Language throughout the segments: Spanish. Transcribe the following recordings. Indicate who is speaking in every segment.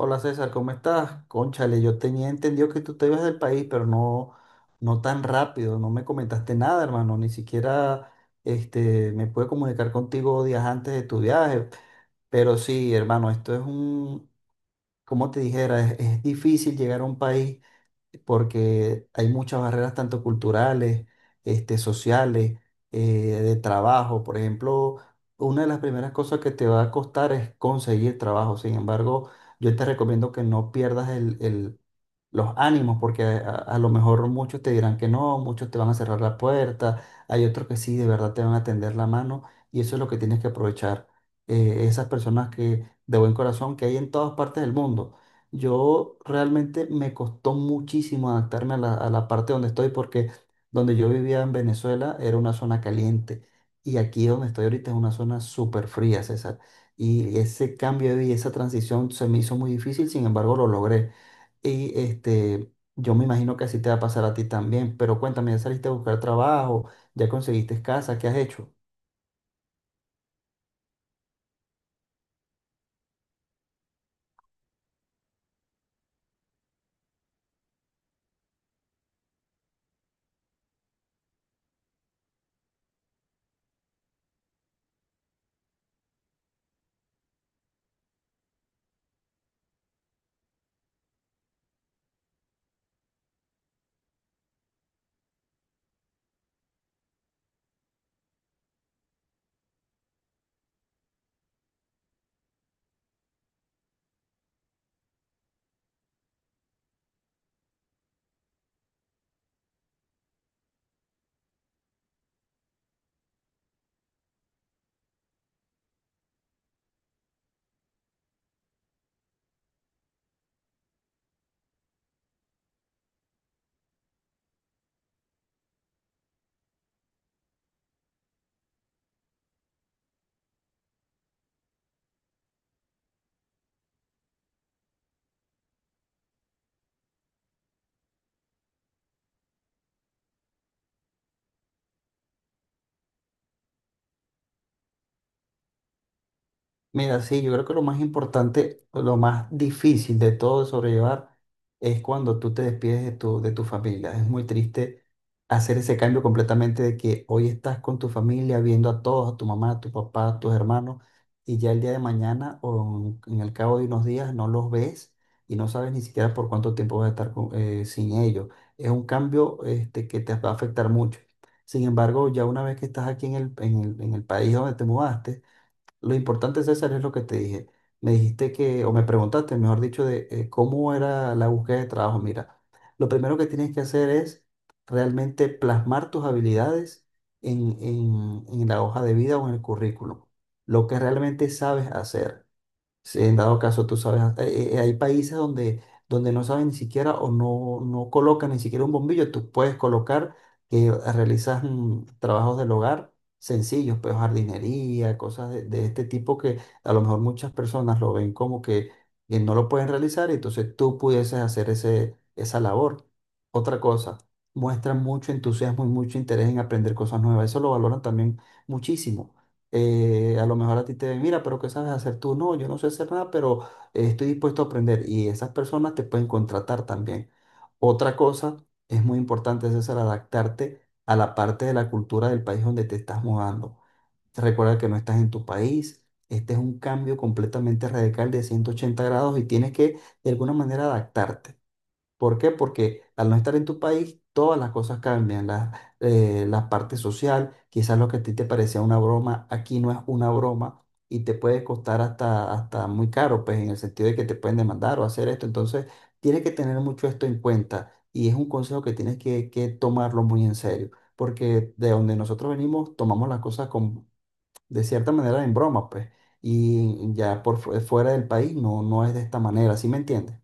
Speaker 1: Hola César, ¿cómo estás? Cónchale, yo tenía entendido que tú te ibas del país, pero no, no tan rápido, no me comentaste nada, hermano, ni siquiera me pude comunicar contigo días antes de tu viaje, pero sí, hermano, esto es un, como te dijera, es difícil llegar a un país porque hay muchas barreras tanto culturales, este, sociales, eh, de trabajo. Por ejemplo, una de las primeras cosas que te va a costar es conseguir trabajo. Sin embargo, yo te recomiendo que no pierdas los ánimos, porque a lo mejor muchos te dirán que no, muchos te van a cerrar la puerta, hay otros que sí, de verdad te van a tender la mano y eso es lo que tienes que aprovechar. Esas personas que de buen corazón que hay en todas partes del mundo. Yo realmente me costó muchísimo adaptarme a la parte donde estoy porque donde yo vivía en Venezuela era una zona caliente y aquí donde estoy ahorita es una zona súper fría, César. Y ese cambio de vida, esa transición se me hizo muy difícil, sin embargo lo logré. Y este, yo me imagino que así te va a pasar a ti también, pero cuéntame, ¿ya saliste a buscar trabajo? ¿Ya conseguiste casa? ¿Qué has hecho? Mira, sí, yo creo que lo más importante, lo más difícil de todo de sobrellevar es cuando tú te despides de tu familia. Es muy triste hacer ese cambio completamente de que hoy estás con tu familia, viendo a todos, a tu mamá, a tu papá, a tus hermanos, y ya el día de mañana o en el cabo de unos días no los ves y no sabes ni siquiera por cuánto tiempo vas a estar sin ellos. Es un cambio este, que te va a afectar mucho. Sin embargo, ya una vez que estás aquí en en el país donde te mudaste, lo importante, César, es lo que te dije. Me dijiste que, o me preguntaste, mejor dicho, de cómo era la búsqueda de trabajo. Mira, lo primero que tienes que hacer es realmente plasmar tus habilidades en, en la hoja de vida o en el currículum, lo que realmente sabes hacer. Sí, en dado caso, tú sabes, hay países donde, donde no saben ni siquiera o no, no colocan ni siquiera un bombillo. Tú puedes colocar que realizas trabajos del hogar sencillos, pues jardinería, cosas de este tipo que a lo mejor muchas personas lo ven como que no lo pueden realizar y entonces tú pudieses hacer esa labor. Otra cosa, muestran mucho entusiasmo y mucho interés en aprender cosas nuevas. Eso lo valoran también muchísimo. A lo mejor a ti te ven, mira, pero ¿qué sabes hacer tú? No, yo no sé hacer nada, pero estoy dispuesto a aprender y esas personas te pueden contratar también. Otra cosa es muy importante, César, adaptarte a la parte de la cultura del país donde te estás mudando. Recuerda que no estás en tu país. Este es un cambio completamente radical de 180 grados y tienes que de alguna manera adaptarte. ¿Por qué? Porque al no estar en tu país, todas las cosas cambian. La, la parte social, quizás lo que a ti te parecía una broma, aquí no es una broma y te puede costar hasta muy caro, pues en el sentido de que te pueden demandar o hacer esto. Entonces, tienes que tener mucho esto en cuenta y es un consejo que tienes que tomarlo muy en serio, porque de donde nosotros venimos, tomamos las cosas con, de cierta manera en broma, pues, y ya por fuera del país no, no es de esta manera, ¿sí me entiendes?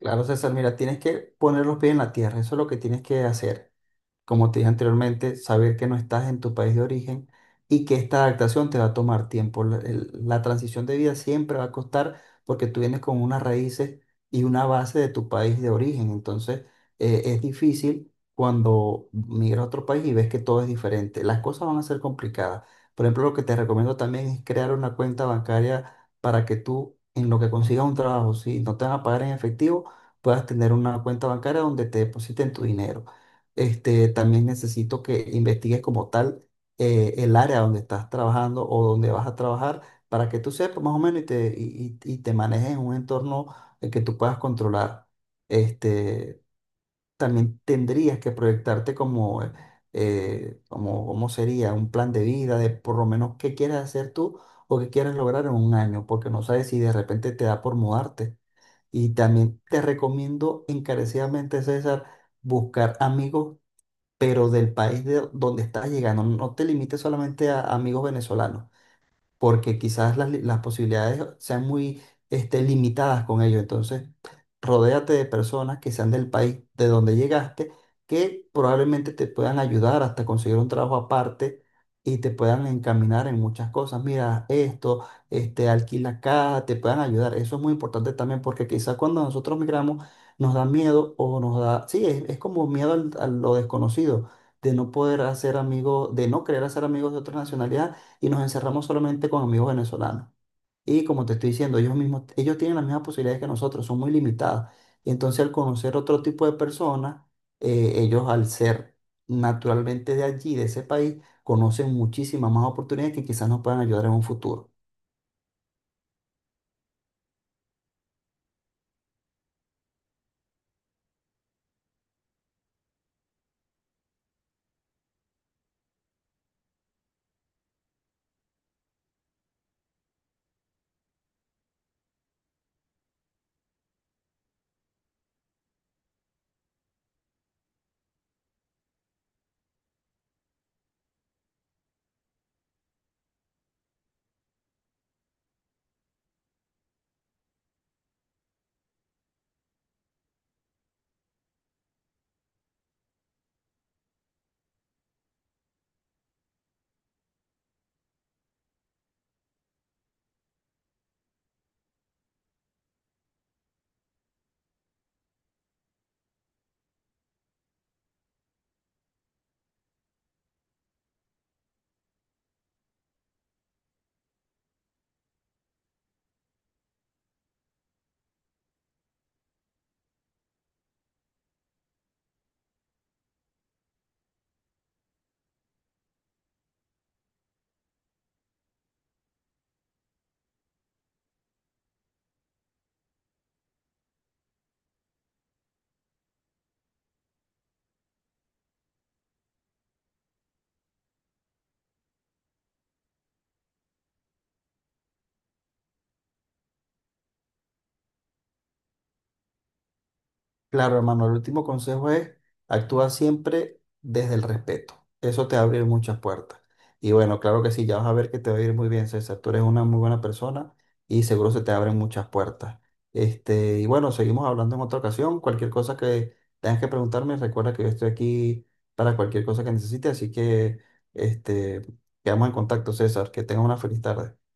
Speaker 1: Claro, César, mira, tienes que poner los pies en la tierra, eso es lo que tienes que hacer como te dije anteriormente, saber que no estás en tu país de origen y que esta adaptación te va a tomar tiempo. La, la transición de vida siempre va a costar porque tú vienes con unas raíces y una base de tu país de origen. Entonces, es difícil cuando migras a otro país y ves que todo es diferente. Las cosas van a ser complicadas. Por ejemplo, lo que te recomiendo también es crear una cuenta bancaria para que tú, en lo que consigas un trabajo, si no te van a pagar en efectivo, puedas tener una cuenta bancaria donde te depositen tu dinero. También necesito que investigues como tal el área donde estás trabajando o donde vas a trabajar para que tú sepas más o menos y y te manejes en un entorno que tú puedas controlar. Este, también tendrías que proyectarte cómo sería un plan de vida de por lo menos qué quieres hacer tú o qué quieres lograr en 1 año, porque no sabes si de repente te da por mudarte. Y también te recomiendo encarecidamente, César, buscar amigos pero del país de donde estás llegando. No te limites solamente a amigos venezolanos porque quizás las posibilidades sean muy limitadas con ello. Entonces, rodéate de personas que sean del país de donde llegaste, que probablemente te puedan ayudar hasta conseguir un trabajo aparte y te puedan encaminar en muchas cosas. Mira, esto, este, alquila acá, te puedan ayudar. Eso es muy importante también porque quizás cuando nosotros migramos nos da miedo o nos da, sí, es como miedo a lo desconocido, de no poder hacer amigos, de no querer hacer amigos de otras nacionalidades y nos encerramos solamente con amigos venezolanos. Y como te estoy diciendo, ellos mismos, ellos tienen las mismas posibilidades que nosotros, son muy limitadas. Y entonces al conocer otro tipo de personas, ellos al ser naturalmente de allí, de ese país, conocen muchísimas más oportunidades que quizás nos puedan ayudar en un futuro. Claro, hermano, el último consejo es: actúa siempre desde el respeto. Eso te abre muchas puertas. Y bueno, claro que sí, ya vas a ver que te va a ir muy bien, César. Tú eres una muy buena persona y seguro se te abren muchas puertas. Y bueno, seguimos hablando en otra ocasión. Cualquier cosa que tengas que preguntarme, recuerda que yo estoy aquí para cualquier cosa que necesites. Así que, este, quedamos en contacto, César. Que tengas una feliz tarde.